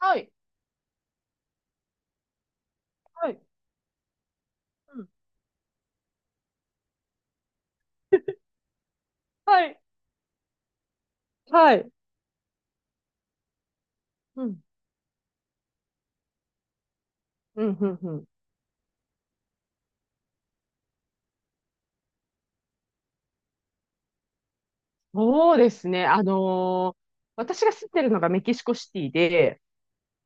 はい。はい。うん。はい。はい。うん。うん、うん、うん。そうですね。私が住んでるのがメキシコシティで、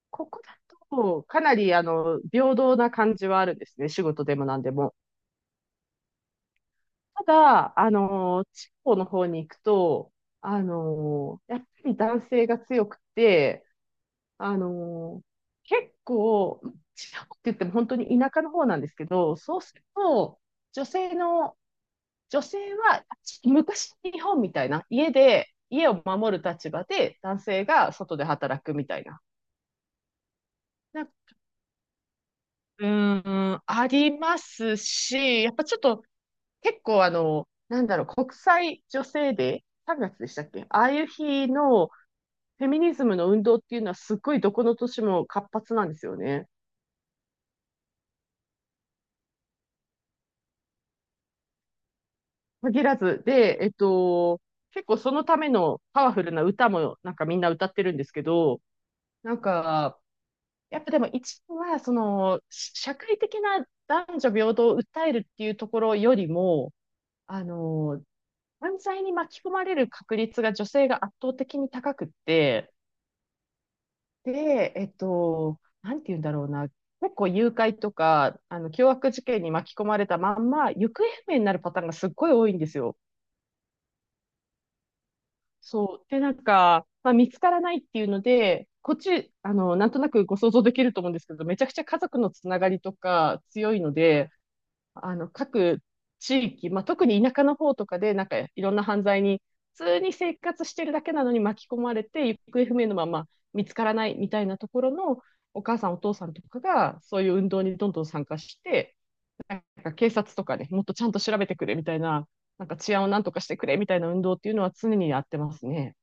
ここだとかなり、平等な感じはあるんですね。仕事でも何でも。ただ、地方の方に行くと、やっぱり男性が強くて、あのー結構、地方って言っても本当に田舎の方なんですけど、そうすると、女性の女性は昔日本みたいな家で家を守る立場で男性が外で働くみたいな。なんかうーん、ありますし、やっぱちょっと結構あの、なんだろう、国際女性デー、3月でしたっけ、ああいう日のフェミニズムの運動っていうのはすっごいどこの年も活発なんですよね。限らず。で、結構そのためのパワフルな歌もなんかみんな歌ってるんですけど、なんか、やっぱでも一部は、その、社会的な男女平等を訴えるっていうところよりも、あの、犯罪に巻き込まれる確率が女性が圧倒的に高くって、で、なんて言うんだろうな、結構誘拐とか、あの、凶悪事件に巻き込まれたまんま、行方不明になるパターンがすっごい多いんですよ。そう。で、なんか、まあ、見つからないっていうので、こっち、あの、なんとなくご想像できると思うんですけど、めちゃくちゃ家族のつながりとか強いので、あの、各地域、まあ、特に田舎の方とかで、なんかいろんな犯罪に、普通に生活してるだけなのに巻き込まれて、行方不明のまま見つからないみたいなところの、お母さん、お父さんとかが、そういう運動にどんどん参加して、なんか警察とかね、もっとちゃんと調べてくれみたいな、なんか治安をなんとかしてくれみたいな運動っていうのは常にやってますね。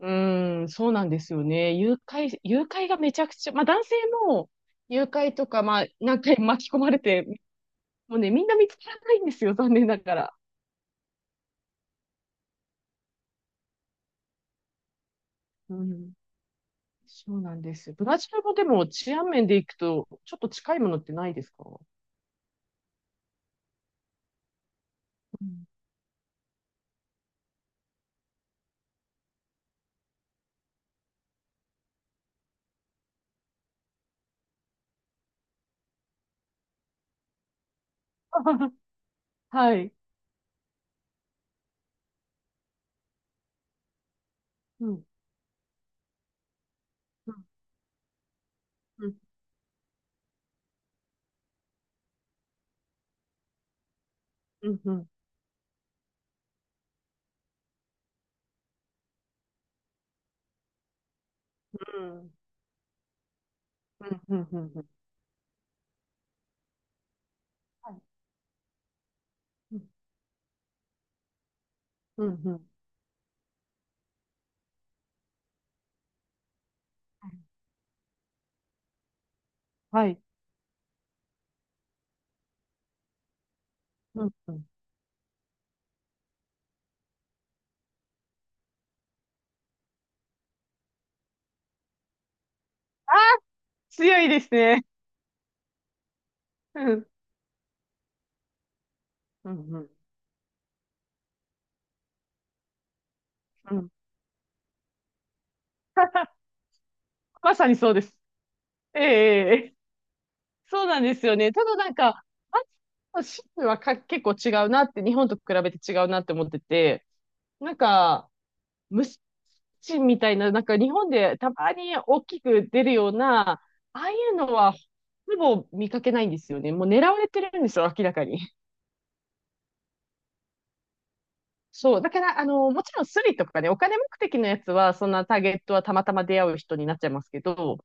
うーん、そうなんですよね。誘拐がめちゃくちゃ、まあ男性も誘拐とか、まあ何回巻き込まれてもうね、みんな見つからないんですよ、残念ながら。うん。そうなんです。ブラジルもでも治安面でいくと、ちょっと近いものってないですか、うん。はい。うん。うん。うん。うん。うん。うん。うん。うん。うん。はい。うん。うん。うん。はい。うん。うん。強いですね。うん。うん。うん。うん。まさにそうです。ええ、ええ、そうなんですよね。ただなんか、あの州はか結構違うなって、日本と比べて違うなって思ってて、なんか、虫みたいな、なんか日本でたまに大きく出るような、ああいうのは、ほぼ見かけないんですよね。もう狙われてるんですよ、明らかに。そう。だから、あの、もちろんスリとかね、お金目的のやつは、そんなターゲットはたまたま出会う人になっちゃいますけど、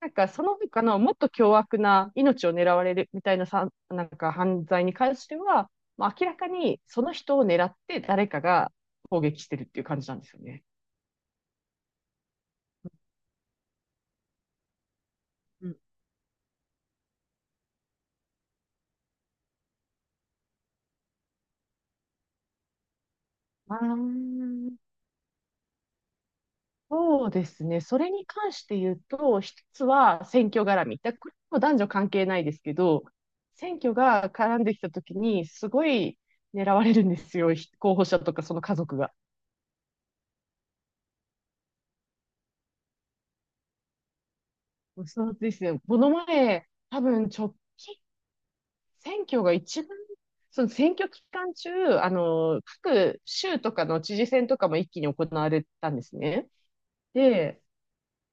なんかその他のもっと凶悪な命を狙われるみたいなさ、なんか犯罪に関しては、まあ、明らかにその人を狙って誰かが攻撃してるっていう感じなんですよね。うん、あー、そうですね。それに関して言うと、一つは選挙絡み。だこれも男女関係ないですけど、選挙が絡んできたときに、すごい狙われるんですよ。ひ候補者とかその家族が。そうですね。この前、多分直近、選挙が一番、その選挙期間中、あの、各州とかの知事選とかも一気に行われたんですね。で、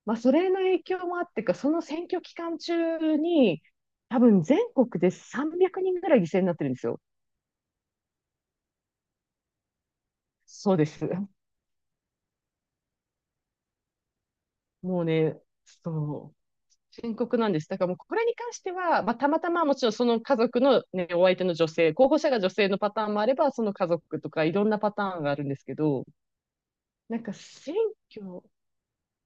まあ、それの影響もあってか、その選挙期間中に、多分全国で300人ぐらい犠牲になってるんですよ。そうです。もうね、そう、深刻なんです。だからもうこれに関しては、まあ、たまたまもちろんその家族の、ね、お相手の女性、候補者が女性のパターンもあれば、その家族とかいろんなパターンがあるんですけど、なんか選挙、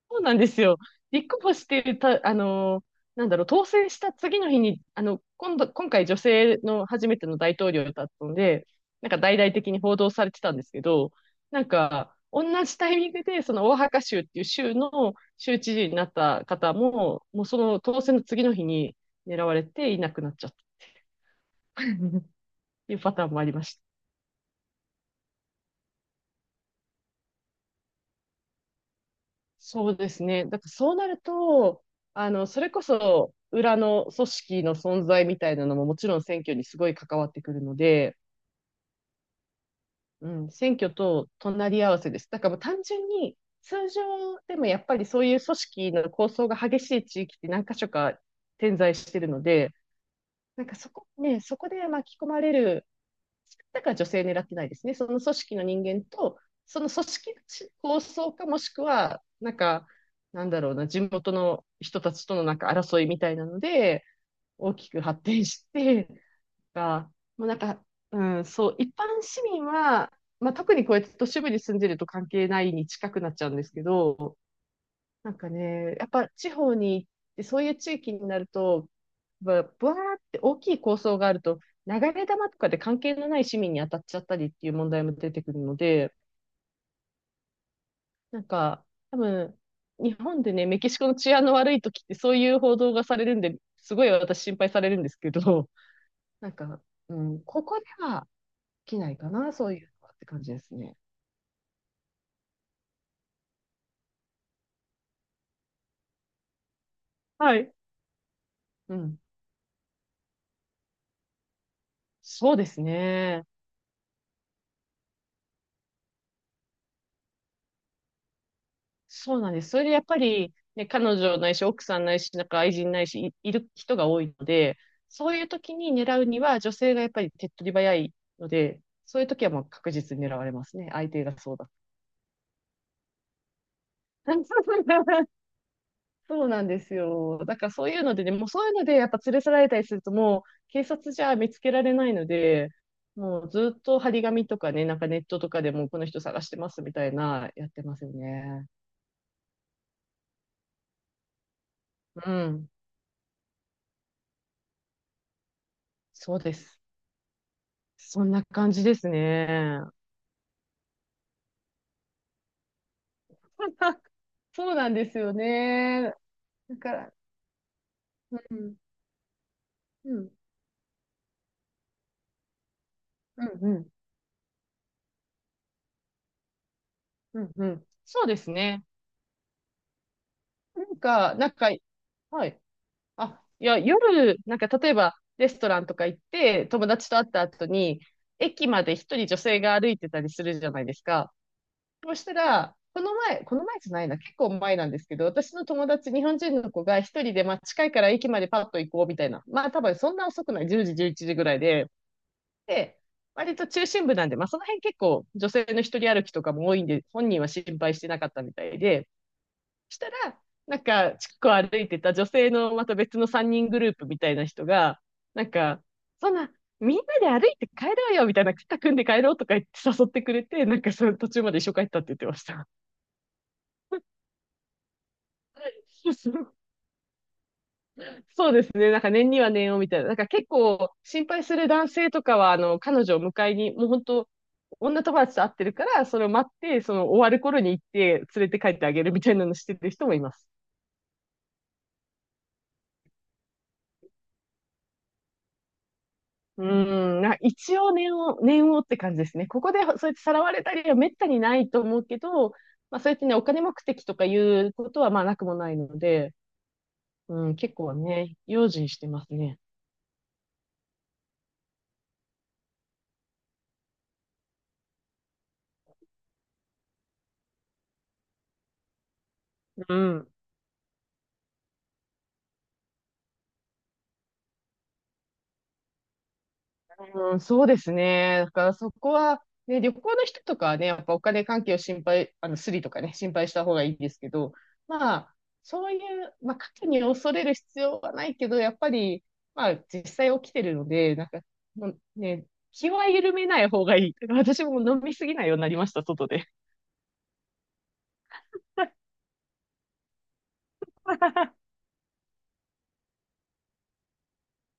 そうなんですよ。立候補してた、なんだろう、当選した次の日に、あの、今度、今回女性の初めての大統領だったので、なんか大々的に報道されてたんですけど、なんか、同じタイミングで、そのオアハカ州っていう州の州知事になった方も、もうその当選の次の日に狙われていなくなっちゃった っていうパターンもありました。そうですね。だからそうなると、あの、それこそ裏の組織の存在みたいなのももちろん選挙にすごい関わってくるので、うん、選挙と隣り合わせです。だからもう単純に通常でもやっぱりそういう組織の構想が激しい地域って何か所か点在してるので、なんかそこね、そこで巻き込まれるだから女性狙ってないですね。その組織の人間と、その組織構想かもしくは、なんか、なんだろうな、地元の人たちとのなんか争いみたいなので、大きく発展して、が、もうなんか、うん、そう、一般市民は、まあ、特にこうやって都市部に住んでると関係ないに近くなっちゃうんですけど、なんかね、やっぱ地方に行って、そういう地域になると、ぶぶわーって大きい構想があると、流れ弾とかで関係のない市民に当たっちゃったりっていう問題も出てくるので、なんか、多分、日本でね、メキシコの治安の悪い時ってそういう報道がされるんで、すごい私心配されるんですけど、なんか、うん、ここでは起きないかな、そういうのはって感じですね。はい。うん。そうですね。そうなんです。それでやっぱり、ね、彼女ないし、奥さんないし、なんか愛人ないし、いる人が多いので、そういう時に狙うには、女性がやっぱり手っ取り早いので、そういう時はもう確実に狙われますね。相手がそうだ。そうなんですよ。だからそういうのでね、もうそういうのでやっぱ連れ去られたりすると、もう警察じゃ見つけられないので、もうずっと張り紙とかね、なんかネットとかでもうこの人探してますみたいな、やってますよね。うん、そうです。そんな感じですね。そうなんですよね。だから、うん、うん、うん、うん、うん、うん。そうですね。なんか、なんか、はい。あ、いや、夜、なんか例えばレストランとか行って、友達と会った後に、駅まで一人女性が歩いてたりするじゃないですか。そうしたら、この前じゃないな、結構前なんですけど、私の友達、日本人の子が一人で、まあ近いから駅までパッと行こうみたいな。まあ多分そんな遅くない、10時、11時ぐらいで、で、割と中心部なんで、まあ、その辺結構女性の一人歩きとかも多いんで、本人は心配してなかったみたいで、したら、なんか、近くを歩いてた女性のまた別の3人グループみたいな人が、なんか、そんな、みんなで歩いて帰ろうよみたいな、肩組んで帰ろうとか言って誘ってくれて、なんかその途中まで一緒帰ったって言ってました。そうですね。なんか年には年をみたいな。なんか結構心配する男性とかは、あの、彼女を迎えに、もう本当、女友達と会ってるから、それを待って、その終わる頃に行って連れて帰ってあげるみたいなのしてる人もいます。うーん、な一応念をって感じですね。ここでそうやってさらわれたりはめったにないと思うけど、まあそうやってね、お金目的とかいうことはまあなくもないので、うん、結構ね、用心してますね。うん。うん、そうですね。だからそこは、ね、旅行の人とかはね、やっぱお金関係を心配、あの、スリとかね、心配した方がいいですけど、まあ、そういう、まあ、過去に恐れる必要はないけど、やっぱり、まあ、実際起きてるので、なんか、もうね、気は緩めない方がいい。私も飲みすぎないようになりました、外で。